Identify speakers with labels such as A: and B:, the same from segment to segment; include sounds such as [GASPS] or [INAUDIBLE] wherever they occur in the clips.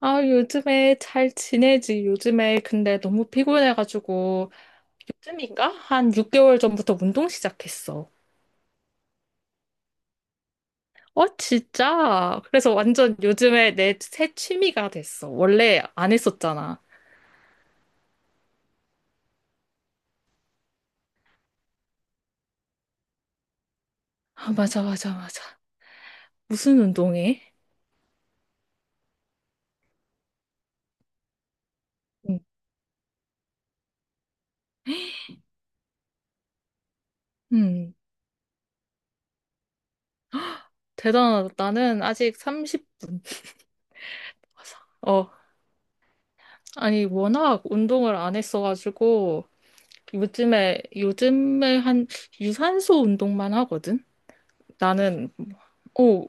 A: 아, 요즘에 잘 지내지. 요즘에 근데 너무 피곤해가지고, 요즘인가? 한 6개월 전부터 운동 시작했어. 어, 진짜? 그래서 완전 요즘에 내 새 취미가 됐어. 원래 안 했었잖아. 아, 맞아, 맞아, 맞아. 무슨 운동해? 응, 응. 대단하다. 나는 아직 30분. 어, 아니, 워낙 운동을 안 했어가지고, 요즘에 한 유산소 운동만 하거든? 나는, 어,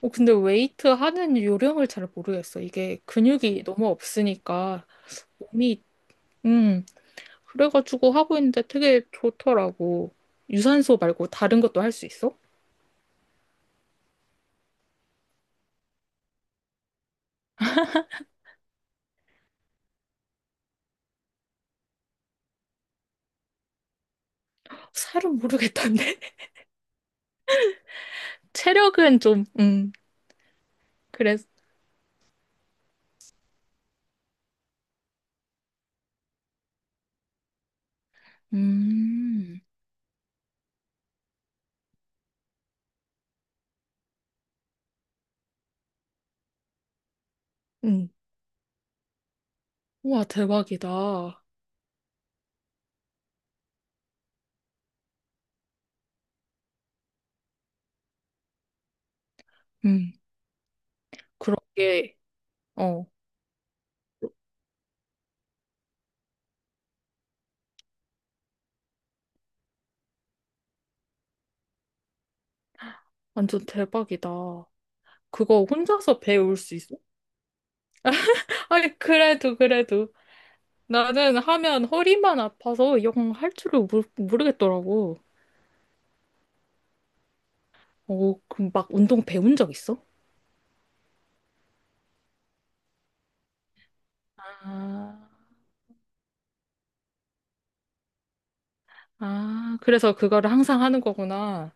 A: 근데 웨이트 하는 요령을 잘 모르겠어. 이게 근육이 너무 없으니까 몸이, 음, 그래가지고 하고 있는데 되게 좋더라고. 유산소 말고 다른 것도 할 수 있어? 살은 모르겠던데. [LAUGHS] 체력은 좀, 그래서, 음, 음. 우와, 대박이다. 음, 그렇게, 어, 완전 대박이다. 그거 혼자서 배울 수 있어? 아니, 그래도, 그래도. 나는 하면 허리만 아파서 영 할 줄을 모르겠더라고. 오, 그럼 막 운동 배운 적 있어? 아, 아, 그래서 그거를 항상 하는 거구나.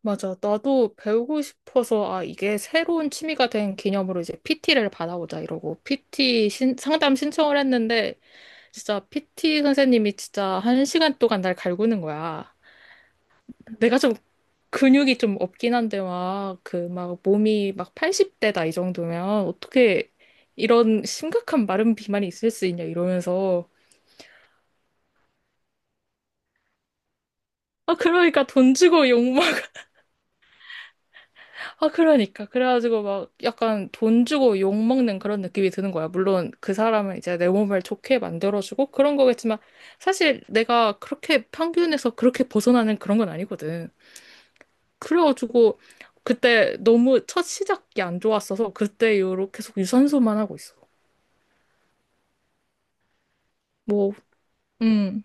A: 맞아. 나도 배우고 싶어서, 아, 이게 새로운 취미가 된 기념으로 이제 PT를 받아보자, 이러고. 상담 신청을 했는데, 진짜 PT 선생님이 진짜 한 시간 동안 날 갈구는 거야. 내가 좀 근육이 좀 없긴 한데 막 그 막 몸이 막 80대다 이 정도면 어떻게 이런 심각한 마른 비만이 있을 수 있냐 이러면서. 아 그러니까 돈 주고 욕먹 [LAUGHS] 아, 그러니까 그래가지고 막 약간 돈 주고 욕먹는 그런 느낌이 드는 거야. 물론 그 사람은 이제 내 몸을 좋게 만들어주고 그런 거겠지만 사실 내가 그렇게 평균에서 그렇게 벗어나는 그런 건 아니거든. 그래가지고 그때 너무 첫 시작이 안 좋았어서 그때 이후로 계속 유산소만 하고 있어. 뭐 응.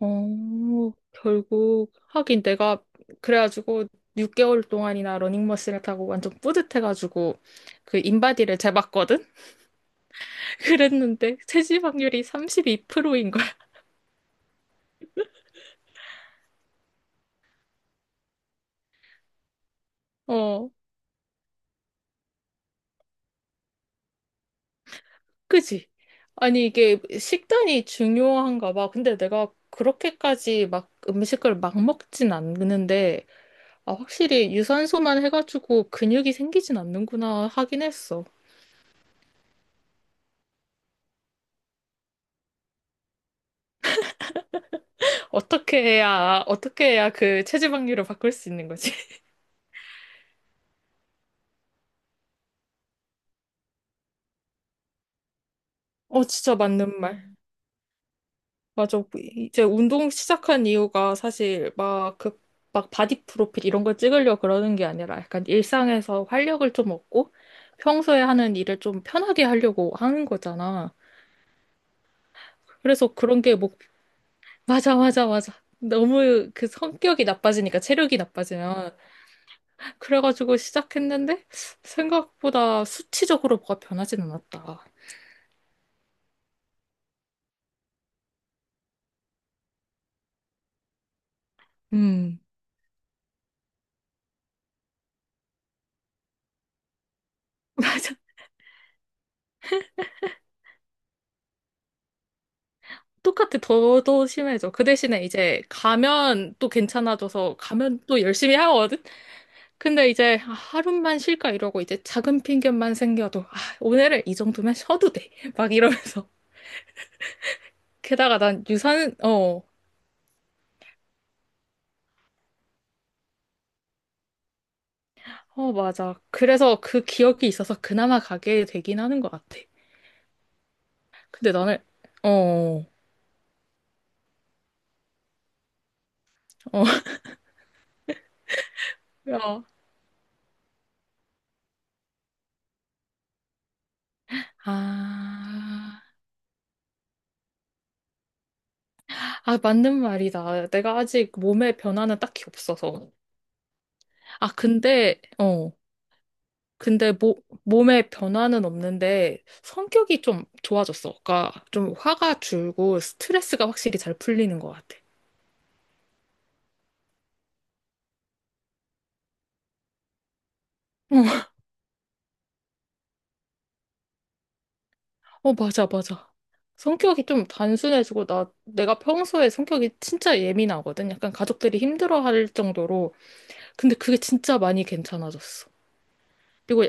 A: 어, 결국, 하긴 내가, 그래가지고, 6개월 동안이나 러닝머신을 타고 완전 뿌듯해가지고, 그 인바디를 재봤거든? [LAUGHS] 그랬는데, 체지방률이 32%인 거야. 어, 그지? 아니, 이게 식단이 중요한가 봐. 근데 내가 그렇게까지 막 음식을 막 먹진 않는데, 아, 확실히 유산소만 해가지고 근육이 생기진 않는구나 하긴 했어. 어떻게 해야, 어떻게 해야 그 체지방률을 바꿀 수 있는 거지? [LAUGHS] 어, 진짜 맞는 말. 맞아. 이제 운동 시작한 이유가 사실 막 그, 막 바디 프로필 이런 걸 찍으려고 그러는 게 아니라 약간 일상에서 활력을 좀 얻고 평소에 하는 일을 좀 편하게 하려고 하는 거잖아. 그래서 그런 게 뭐, 맞아, 맞아, 맞아. 너무 그 성격이 나빠지니까 체력이 나빠지면. 그래가지고 시작했는데 생각보다 수치적으로 뭐가 변하진 않았다. 음. [LAUGHS] 맞아. 똑같아. 더 심해져. 그 대신에 이제 가면 또 괜찮아져서 가면 또 열심히 하거든? 근데 이제 아, 하루만 쉴까 이러고 이제 작은 핑계만 생겨도 아, 오늘은 이 정도면 쉬어도 돼. [LAUGHS] 막 이러면서. 게다가 난 유산, 어, 어, 맞아. 그래서 그 기억이 있어서 그나마 가게 되긴 하는 것 같아. 근데 나는, 어, 어, [LAUGHS] 야. 아, 아, 맞는 말이다. 내가 아직 몸의 변화는 딱히 없어서. 아, 근데, 어. 근데 몸에 변화는 없는데 성격이 좀 좋아졌어. 그러니까 좀 화가 줄고 스트레스가 확실히 잘 풀리는 것 같아. [LAUGHS] 어, 어, 맞아, 맞아. 성격이 좀 단순해지고 나 내가 평소에 성격이 진짜 예민하거든. 약간 가족들이 힘들어할 정도로. 근데 그게 진짜 많이 괜찮아졌어. 그리고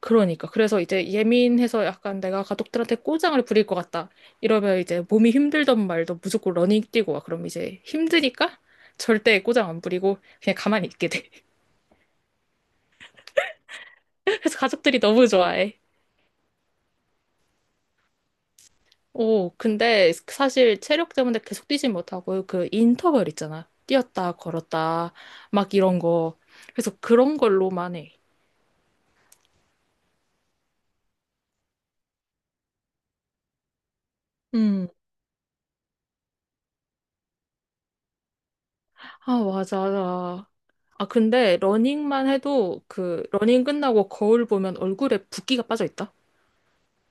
A: 그러니까. 그래서 이제 예민해서 약간 내가 가족들한테 꼬장을 부릴 것 같다. 이러면 이제 몸이 힘들던 말도 무조건 러닝 뛰고 와. 그럼 이제 힘드니까 절대 꼬장 안 부리고 그냥 가만히 있게 돼. [LAUGHS] 그래서 가족들이 너무 좋아해. 오, 근데 사실 체력 때문에 계속 뛰진 못하고 그 인터벌 있잖아. 뛰었다, 걸었다, 막 이런 거. 그래서 그런 걸로만 해. 음. 아, 맞아. 맞아. 아, 근데 러닝만 해도 그 러닝 끝나고 거울 보면 얼굴에 붓기가 빠져 있다.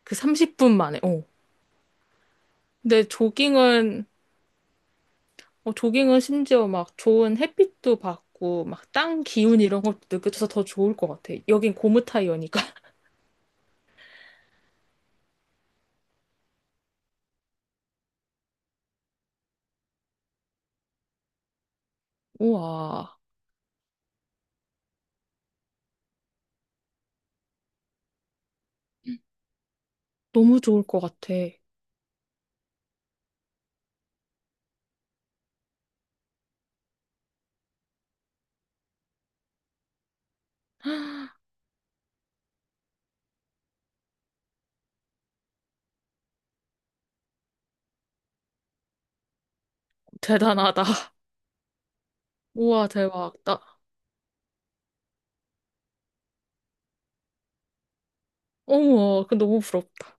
A: 그 30분 만에, 어. 근데 조깅은, 어, 조깅은 심지어 막 좋은 햇빛도 받고, 막 땅 기운 이런 것도 느껴져서 더 좋을 것 같아. 여긴 고무 타이어니까. [LAUGHS] 우와, 너무 좋을 것 같아. [GASPS] 대단하다. [LAUGHS] 우와, 대박. 나, 어머, 그 너무 부럽다.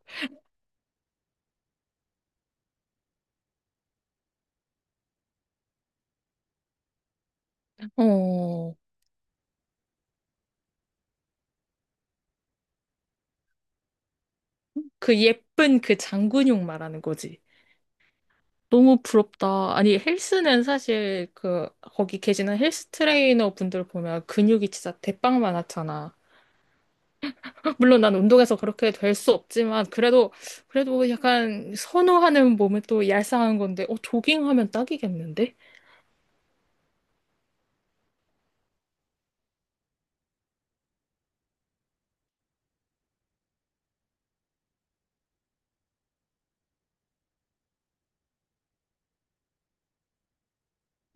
A: 어, 그 예쁜 그 장근육 말하는 거지. 너무 부럽다. 아니, 헬스는 사실 그, 거기 계시는 헬스 트레이너 분들 보면 근육이 진짜 대빵 많았잖아. 물론 난 운동해서 그렇게 될 수 없지만 그래도 그래도 약간 선호하는 몸에 또 얄쌍한 건데 어, 조깅하면 딱이겠는데?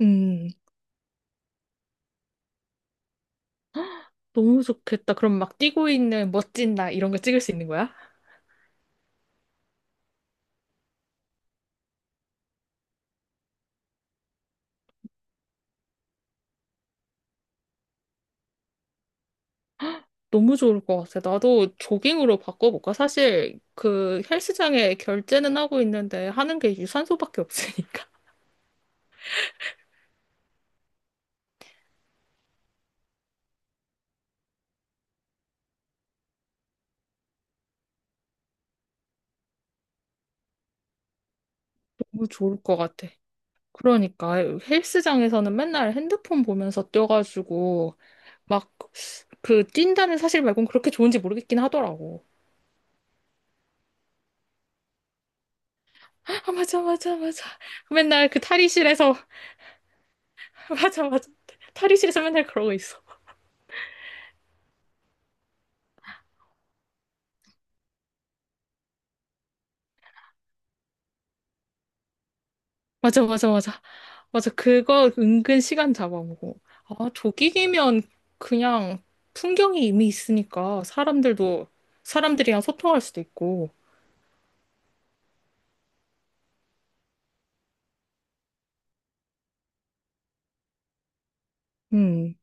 A: 음, 너무 좋겠다. 그럼 막 뛰고 있는 멋진 나 이런 거 찍을 수 있는 거야? 너무 좋을 것 같아. 나도 조깅으로 바꿔볼까? 사실 그 헬스장에 결제는 하고 있는데 하는 게 유산소밖에 없으니까. [LAUGHS] 너무 좋을 것 같아. 그러니까 헬스장에서는 맨날 핸드폰 보면서 뛰어가지고 막 그 뛴다는 사실 말고는 그렇게 좋은지 모르겠긴 하더라고. 아, 맞아, 맞아, 맞아. 맨날 그 탈의실에서 [LAUGHS] 맞아, 맞아. 탈의실에서 맨날 그러고 있어. 맞아, 맞아, 맞아. 맞아, 그거 은근 시간 잡아먹고. 아, 조깅이면 그냥 풍경이 이미 있으니까 사람들도 사람들이랑 소통할 수도 있고. 음,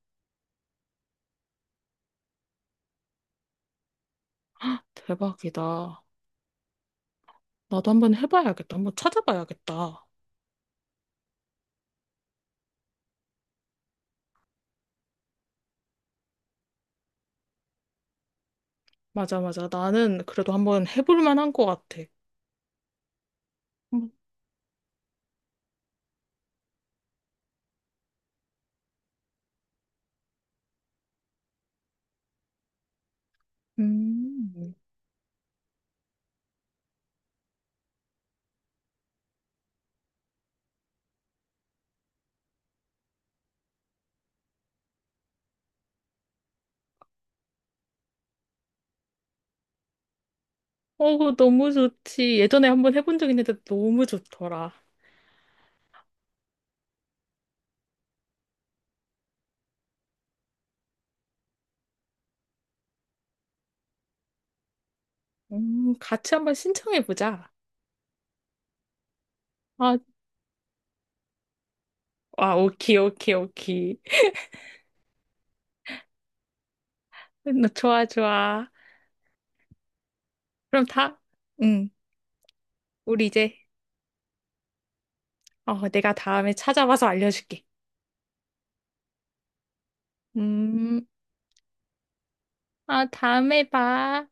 A: 대박이다. 나도 한번 해봐야겠다. 한번 찾아봐야겠다. 맞아, 맞아. 나는 그래도 한번 해볼 만한 것 같아. 음. 음. 어, 그거 너무 좋지. 예전에 한번 해본 적 있는데 너무 좋더라. 같이 한번 신청해보자. 아, 아, 오케이, 오케이, 오케이. 좋아, 좋아. 그럼 다, 응, 우리 이제, 어, 내가 다음에 찾아봐서 알려줄게. 음, 아, 다음에 봐.